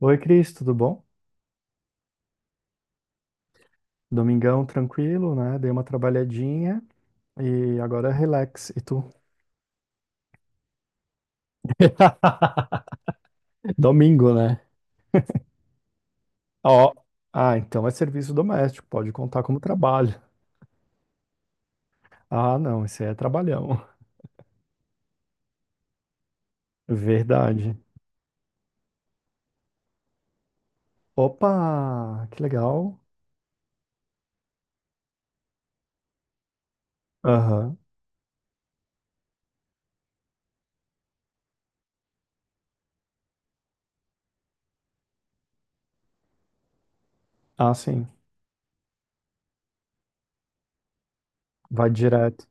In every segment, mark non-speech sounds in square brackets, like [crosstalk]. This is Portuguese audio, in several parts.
Oi, Cris, tudo bom? Domingão tranquilo, né? Dei uma trabalhadinha e agora relax. E tu? [laughs] Domingo, né? Ó, ah, então é serviço doméstico, pode contar como trabalho. Ah, não, isso aí é trabalhão. Verdade. Opa, que legal. Aham. Ah, sim, vai direto.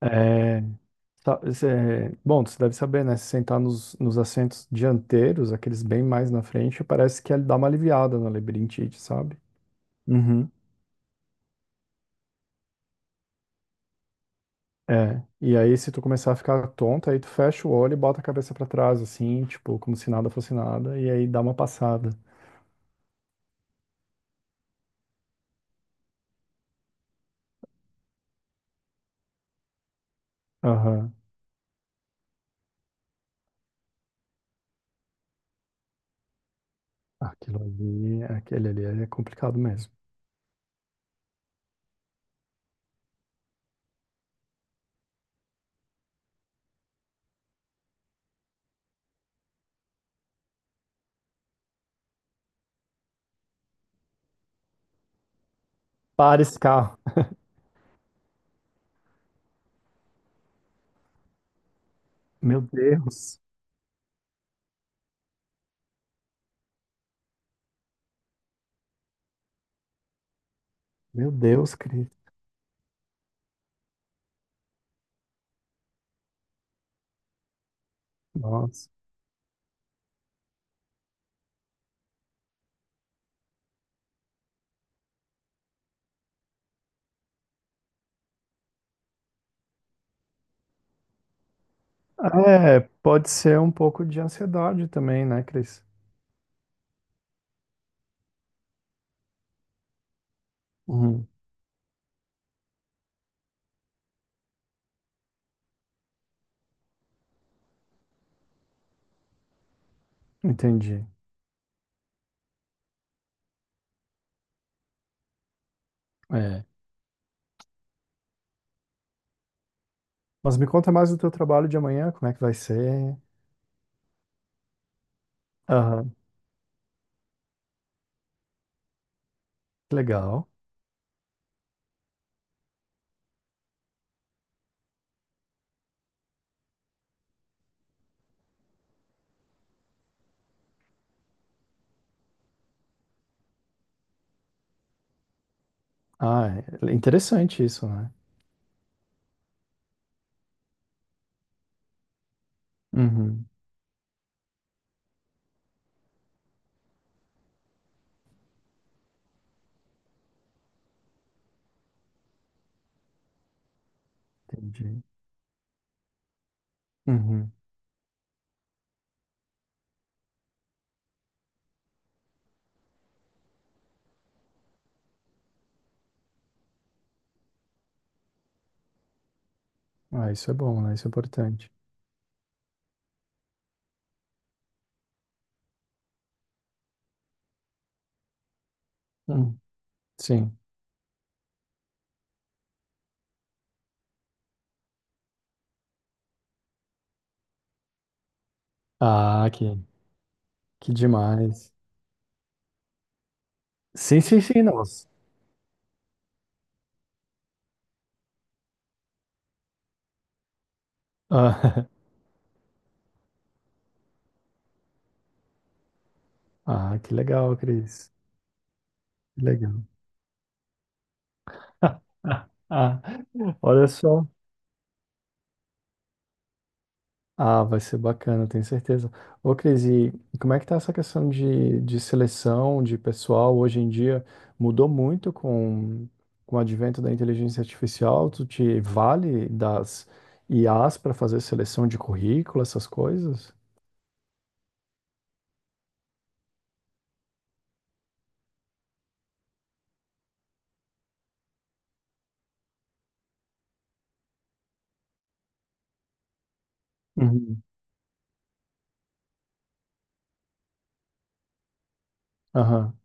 É, bom, você deve saber, né? Se sentar nos assentos dianteiros, aqueles bem mais na frente, parece que ele dá uma aliviada na labirintite, sabe? Uhum. É, e aí se tu começar a ficar tonta, aí tu fecha o olho e bota a cabeça pra trás, assim, tipo, como se nada fosse nada, e aí dá uma passada. Aham. Aquilo ali, aquele ali é complicado mesmo. Para esse carro. Meu Deus. Meu Deus, Cris. Nossa. É, pode ser um pouco de ansiedade também, né, Cris? Uhum. Entendi. É. Mas me conta mais do teu trabalho de amanhã, como é que vai ser? Aham. Legal. Ah, é interessante isso, né? Uhum. Entendi. Uhum. Ah, isso é bom, né? Isso é importante. Hum, sim. Ah, que demais. Sim, sim, sim, nossa. Ah, [laughs] ah, que legal, Cris. Que legal. [laughs] Ah, olha só. Ah, vai ser bacana, tenho certeza. Ô, Cris, e como é que tá essa questão de seleção de pessoal hoje em dia? Mudou muito com o advento da inteligência artificial? Tu te vale das IAs para fazer seleção de currículo, essas coisas? Uhum. Aham.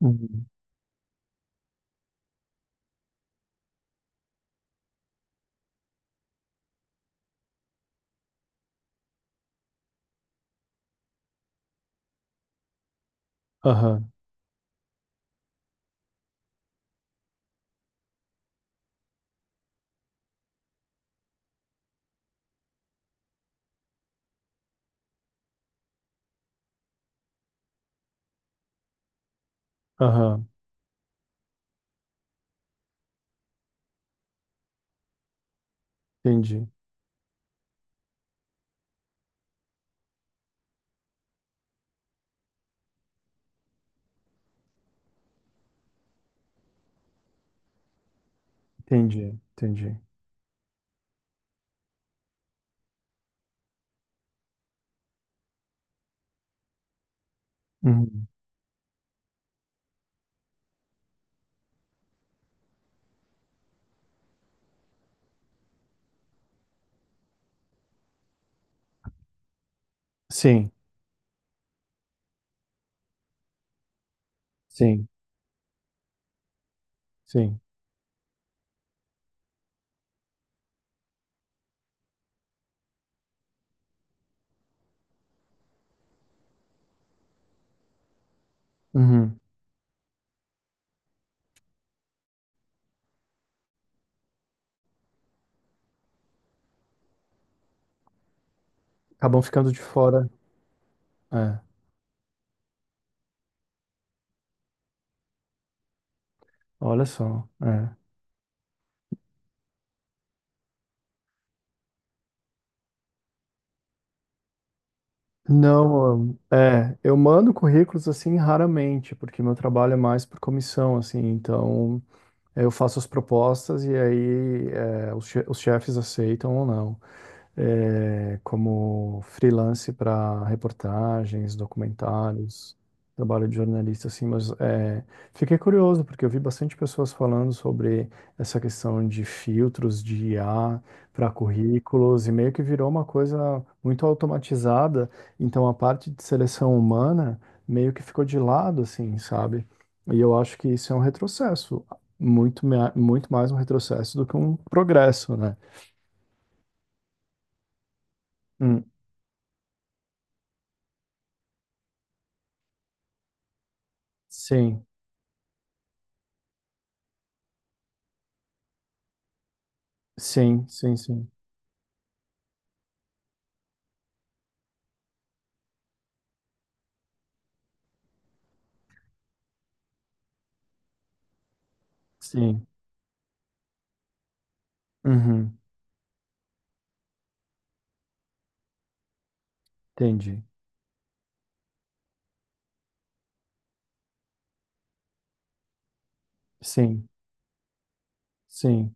Uhum. Aham. Aham. Entendi. Entendi. Entendi. Uhum. Sim. Sim. Sim. Uhum. Acabam ficando de fora. É. Olha só. É. Não, é, eu mando currículos assim raramente, porque meu trabalho é mais por comissão, assim, então eu faço as propostas e aí é, os chefes aceitam ou não. É, como freelance para reportagens, documentários, trabalho de jornalista, assim, mas é, fiquei curioso, porque eu vi bastante pessoas falando sobre essa questão de filtros de IA para currículos, e meio que virou uma coisa muito automatizada, então a parte de seleção humana meio que ficou de lado, assim, sabe? E eu acho que isso é um retrocesso, muito, muito mais um retrocesso do que um progresso, né? Hum, sim. Sim, sim, sim. Sim. Uhum. Entendi. Sim, sim.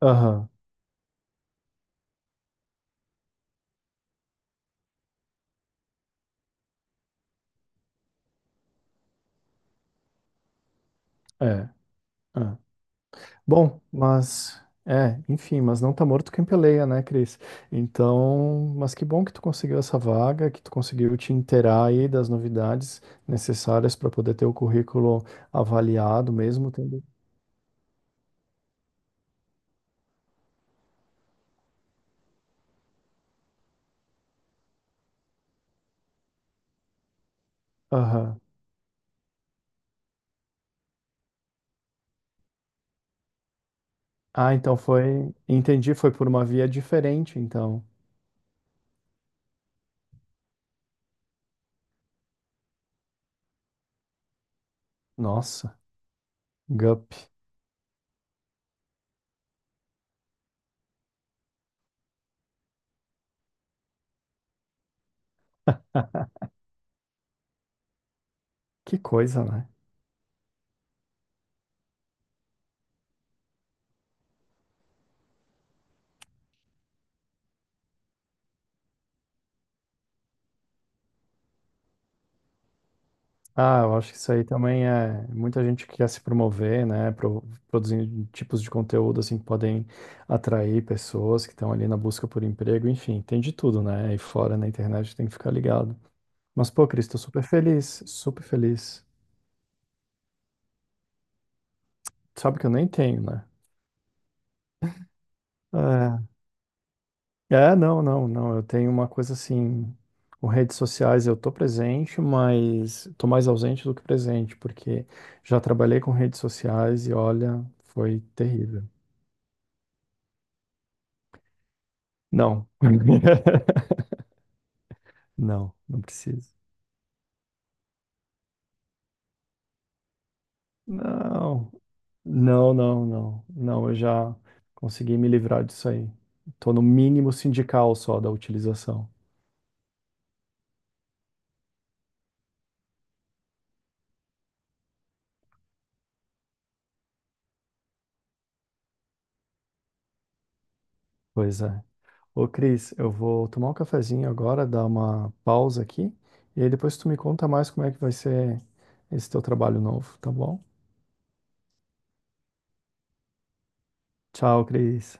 Aham. É. É. Bom, mas. É, enfim, mas não tá morto quem peleia, né, Cris? Então, mas que bom que tu conseguiu essa vaga, que tu conseguiu te inteirar aí das novidades necessárias para poder ter o currículo avaliado mesmo, tendo. Aham. Ah, então foi. Entendi, foi por uma via diferente, então. Nossa, GUP. Que coisa, né? Ah, eu acho que isso aí também é muita gente que quer se promover, né? Produzindo tipos de conteúdo assim que podem atrair pessoas que estão ali na busca por emprego, enfim, tem de tudo, né? Aí fora na internet tem que ficar ligado. Mas, pô, Cris, tô super feliz, super feliz. Sabe que eu nem tenho, né? É, é, não, não, não. Eu tenho uma coisa assim, com redes sociais eu tô presente, mas tô mais ausente do que presente, porque já trabalhei com redes sociais e olha, foi terrível. Não. [laughs] Não, não preciso. Não, não, não, não. Não, eu já consegui me livrar disso aí. Tô no mínimo sindical só da utilização. Pois é. Ô, Cris, eu vou tomar um cafezinho agora, dar uma pausa aqui, e aí depois tu me conta mais como é que vai ser esse teu trabalho novo, tá bom? Tchau, Cris.